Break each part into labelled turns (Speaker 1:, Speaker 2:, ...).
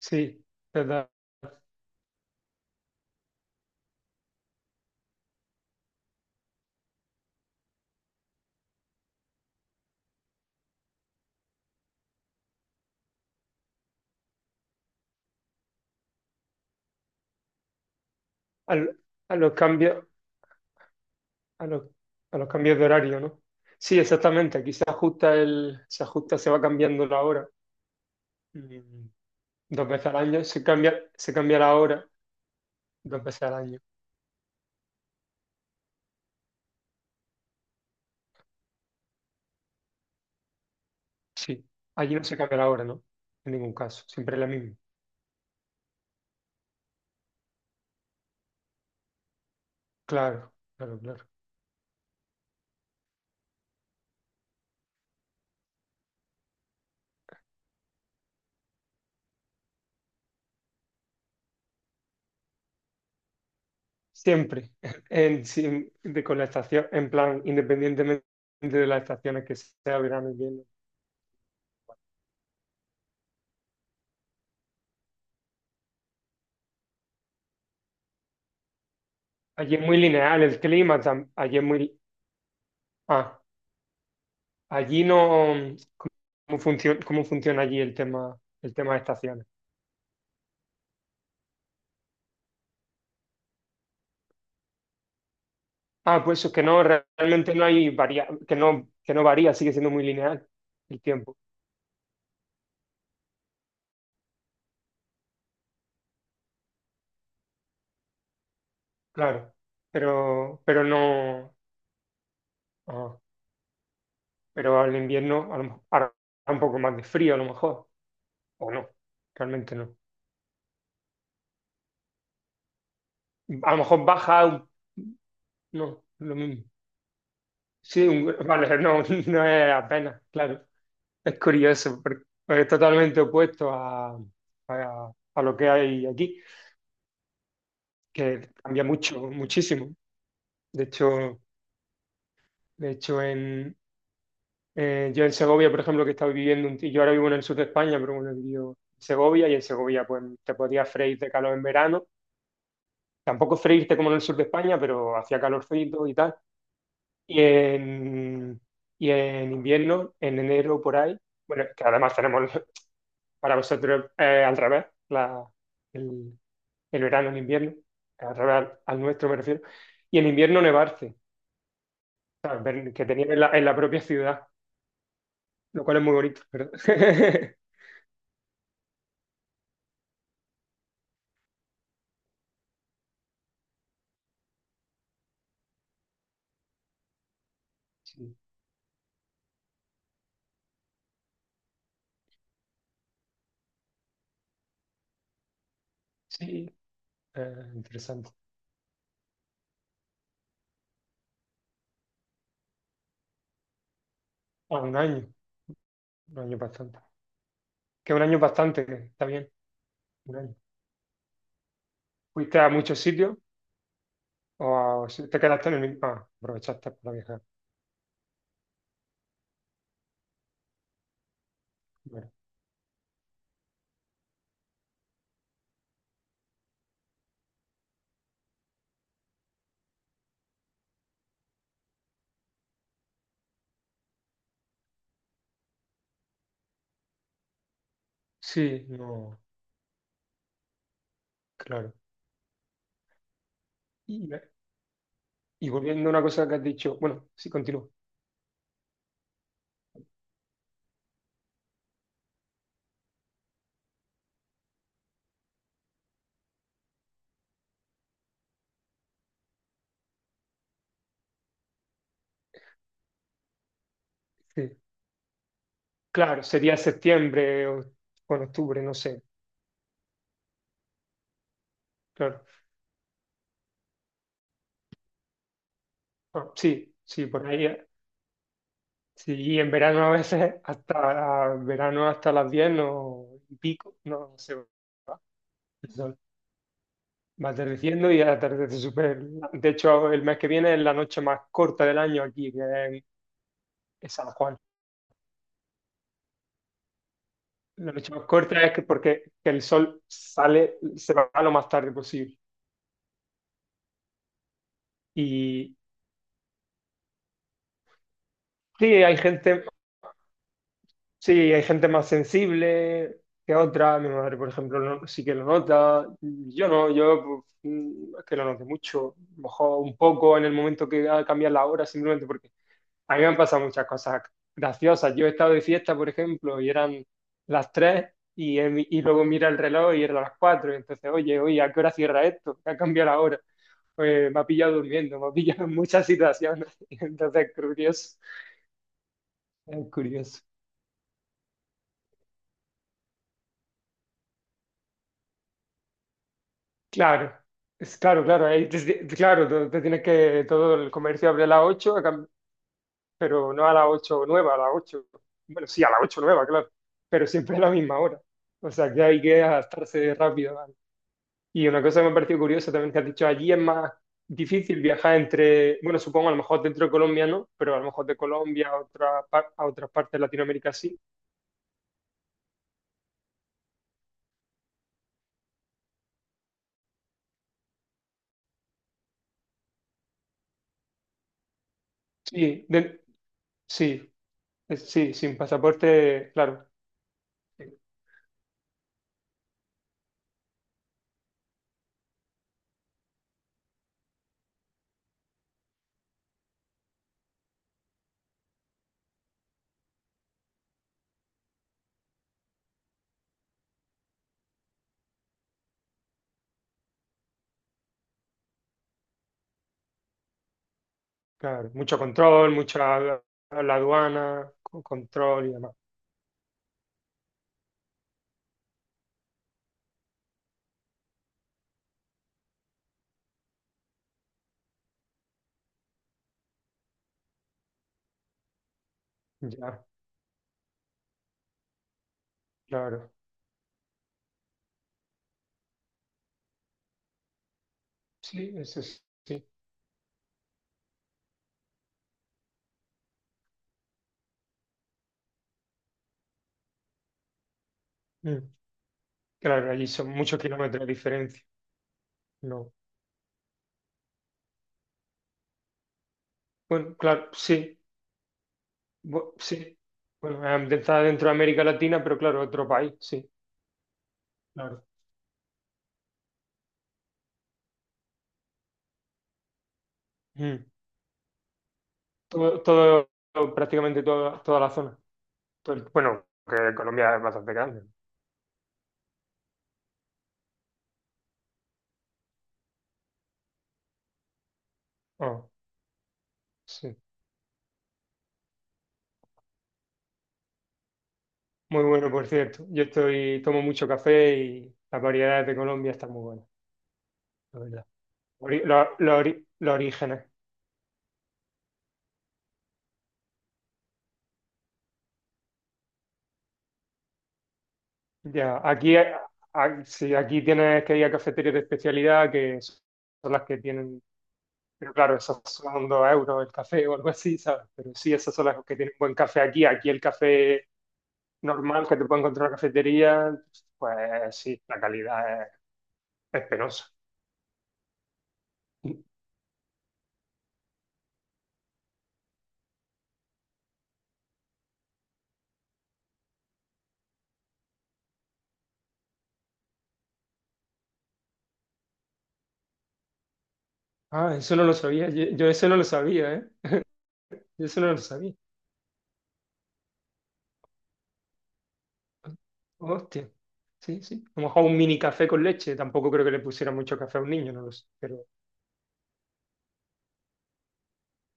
Speaker 1: Sí, ¿verdad? Al- a los cambios, a los a los, cambios de horario, ¿no? Sí, exactamente. Aquí se ajusta, se va cambiando la hora. Mm, Dos veces al año se cambia la hora dos veces al año. Sí. Allí no se cambia la hora, ¿no? En ningún caso. Siempre es la misma. Claro, claro, claro. Siempre. En, sin- de, Con la estación, en plan, independientemente de las estaciones que sea verano, invierno. Allí es muy lineal el clima. Allí es muy. Ah. Allí no. ¿Cómo funciona allí el tema, de estaciones? Ah, pues es que no, realmente no hay que no varía, sigue siendo muy lineal el tiempo, claro. Pero no, ah, pero al invierno a lo mejor hará un poco más de frío a lo mejor, o no, realmente no. A lo mejor baja, no, lo mismo. Sí, vale, no, no es apenas, claro. Es curioso, porque es totalmente opuesto a, lo que hay aquí, que cambia mucho, muchísimo. De hecho, de hecho, yo en Segovia, por ejemplo, que estaba viviendo, y yo ahora vivo en el sur de España, pero bueno, he vivido en Segovia y en Segovia pues te podías freír de calor en verano. Tampoco freírte como en el sur de España, pero hacía calorcito y tal. Y en, y en invierno, en enero por ahí, bueno, que además tenemos para vosotros al revés, el, el verano, el invierno, al revés al nuestro me refiero, y en invierno nevarse. ¿Sabes? Ver que tenían en la propia ciudad, lo cual es muy bonito, ¿verdad? Sí, sí, interesante. Ah, un año bastante. Que un año bastante, que está bien, un año. ¿Fuiste a muchos sitios o si te quedaste en el mismo? Ah, aprovechaste para viajar. Bueno, sí, no, claro. Y, y volviendo a una cosa que has dicho, bueno, sí, continúo. Sí. Claro, sería septiembre o en octubre, no sé. Claro. Ah, sí, sí, por ahí. Sí, y en verano a veces hasta las 10 no, y pico, no se va. El sol va atardeciendo y atardece súper. De hecho, el mes que viene es la noche más corta del año aquí, que es San Juan. La noche más corta es que porque que el sol sale, se va lo más tarde posible. Y sí, hay gente, Sí, hay gente más sensible que otra. Mi madre, por ejemplo, sí que lo nota. Yo no, yo pues, es que lo noté mucho. A lo mejor un poco en el momento que ha cambiado la hora, simplemente porque a mí me han pasado muchas cosas graciosas. Yo he estado de fiesta, por ejemplo, y eran las 3 y luego mira el reloj y eran las 4. Y entonces, oye, oye, ¿a qué hora cierra esto? ¿Qué ha cambiado la hora? Pues me ha pillado durmiendo, me ha pillado en muchas situaciones. Entonces, es curioso, es curioso. Claro, es claro, claro, ahí claro, te tienes que, todo el comercio abre a las 8, pero no a las 8 nueva, a las 8. Bueno, sí, a las 8 nueva, claro, pero siempre a la misma hora, o sea, que hay que adaptarse rápido. ¿Vale? Y una cosa que me ha parecido curiosa también que has dicho, allí es más difícil viajar entre, bueno, supongo a lo mejor dentro de Colombia no, pero a lo mejor de Colombia a otras partes de Latinoamérica sí. Sí, sí, sí, sin pasaporte, claro. Claro, mucho control, mucha la aduana, con control y demás. Ya, claro. Sí, eso es. Mm. Claro, allí son muchos kilómetros de diferencia. No. Bueno, claro, sí. Sí. Bueno, está dentro de América Latina, pero claro, otro país, sí. Claro. Mm. Todo, todo, Prácticamente toda la zona. Bueno, que Colombia es bastante grande. ¿No? Oh, sí. Muy bueno, por cierto. Tomo mucho café y las variedades de Colombia están muy buenas, la verdad. Los orígenes. Ya, aquí, sí, aquí tienes que ir a cafeterías de especialidad que son las que tienen, pero claro, esas son 2 € el café o algo así, ¿sabes? Pero sí, esas son las que tienen buen café aquí. Aquí el café normal que te puede encontrar en la cafetería, pues sí, la calidad es penosa. Ah, eso no lo sabía, yo eso no lo sabía, ¿eh? Yo eso no lo sabía. Hostia. Sí, sí. A lo mejor un mini café con leche. Tampoco creo que le pusiera mucho café a un niño, no lo sé. Pero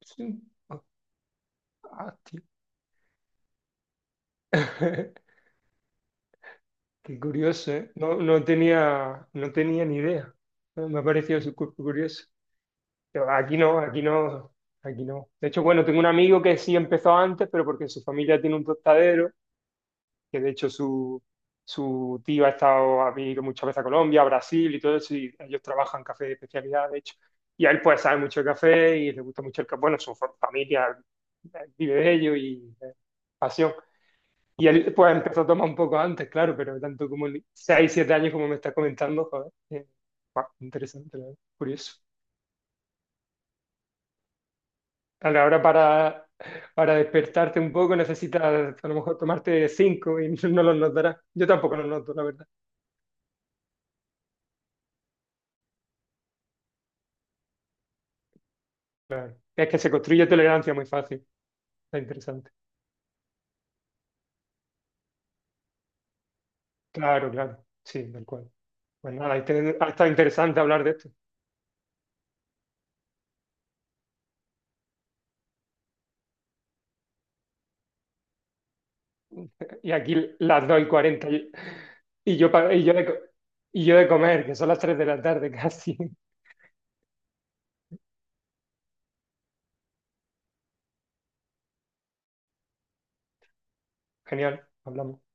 Speaker 1: sí. Ah, ah. Qué curioso, ¿eh? No, no tenía ni idea. Me ha parecido su cuerpo curioso. Pero aquí no, aquí no, aquí no. De hecho, bueno, tengo un amigo que sí empezó antes, pero porque su familia tiene un tostadero, que de hecho su tío ha venido muchas veces a Colombia, a Brasil y todo eso, y ellos trabajan café de especialidad, de hecho. Y a él pues sabe mucho de café y le gusta mucho el café. Bueno, su familia vive de ello y pasión. Y él pues empezó a tomar un poco antes, claro, pero tanto como 6 7 años como me estás comentando, joder, guau, interesante, la verdad, curioso. Claro, ahora para despertarte un poco necesitas a lo mejor tomarte 5 y no los notarás. Yo tampoco los noto, la verdad. Es que se construye tolerancia muy fácil, está interesante. Claro, claro, sí, tal cual. Pues nada, ahí ha estado interesante hablar de esto. Y aquí las 2:40, y yo, pa- y, yo de, co- y yo de comer, que son las 3 de la tarde casi. Genial, hablamos.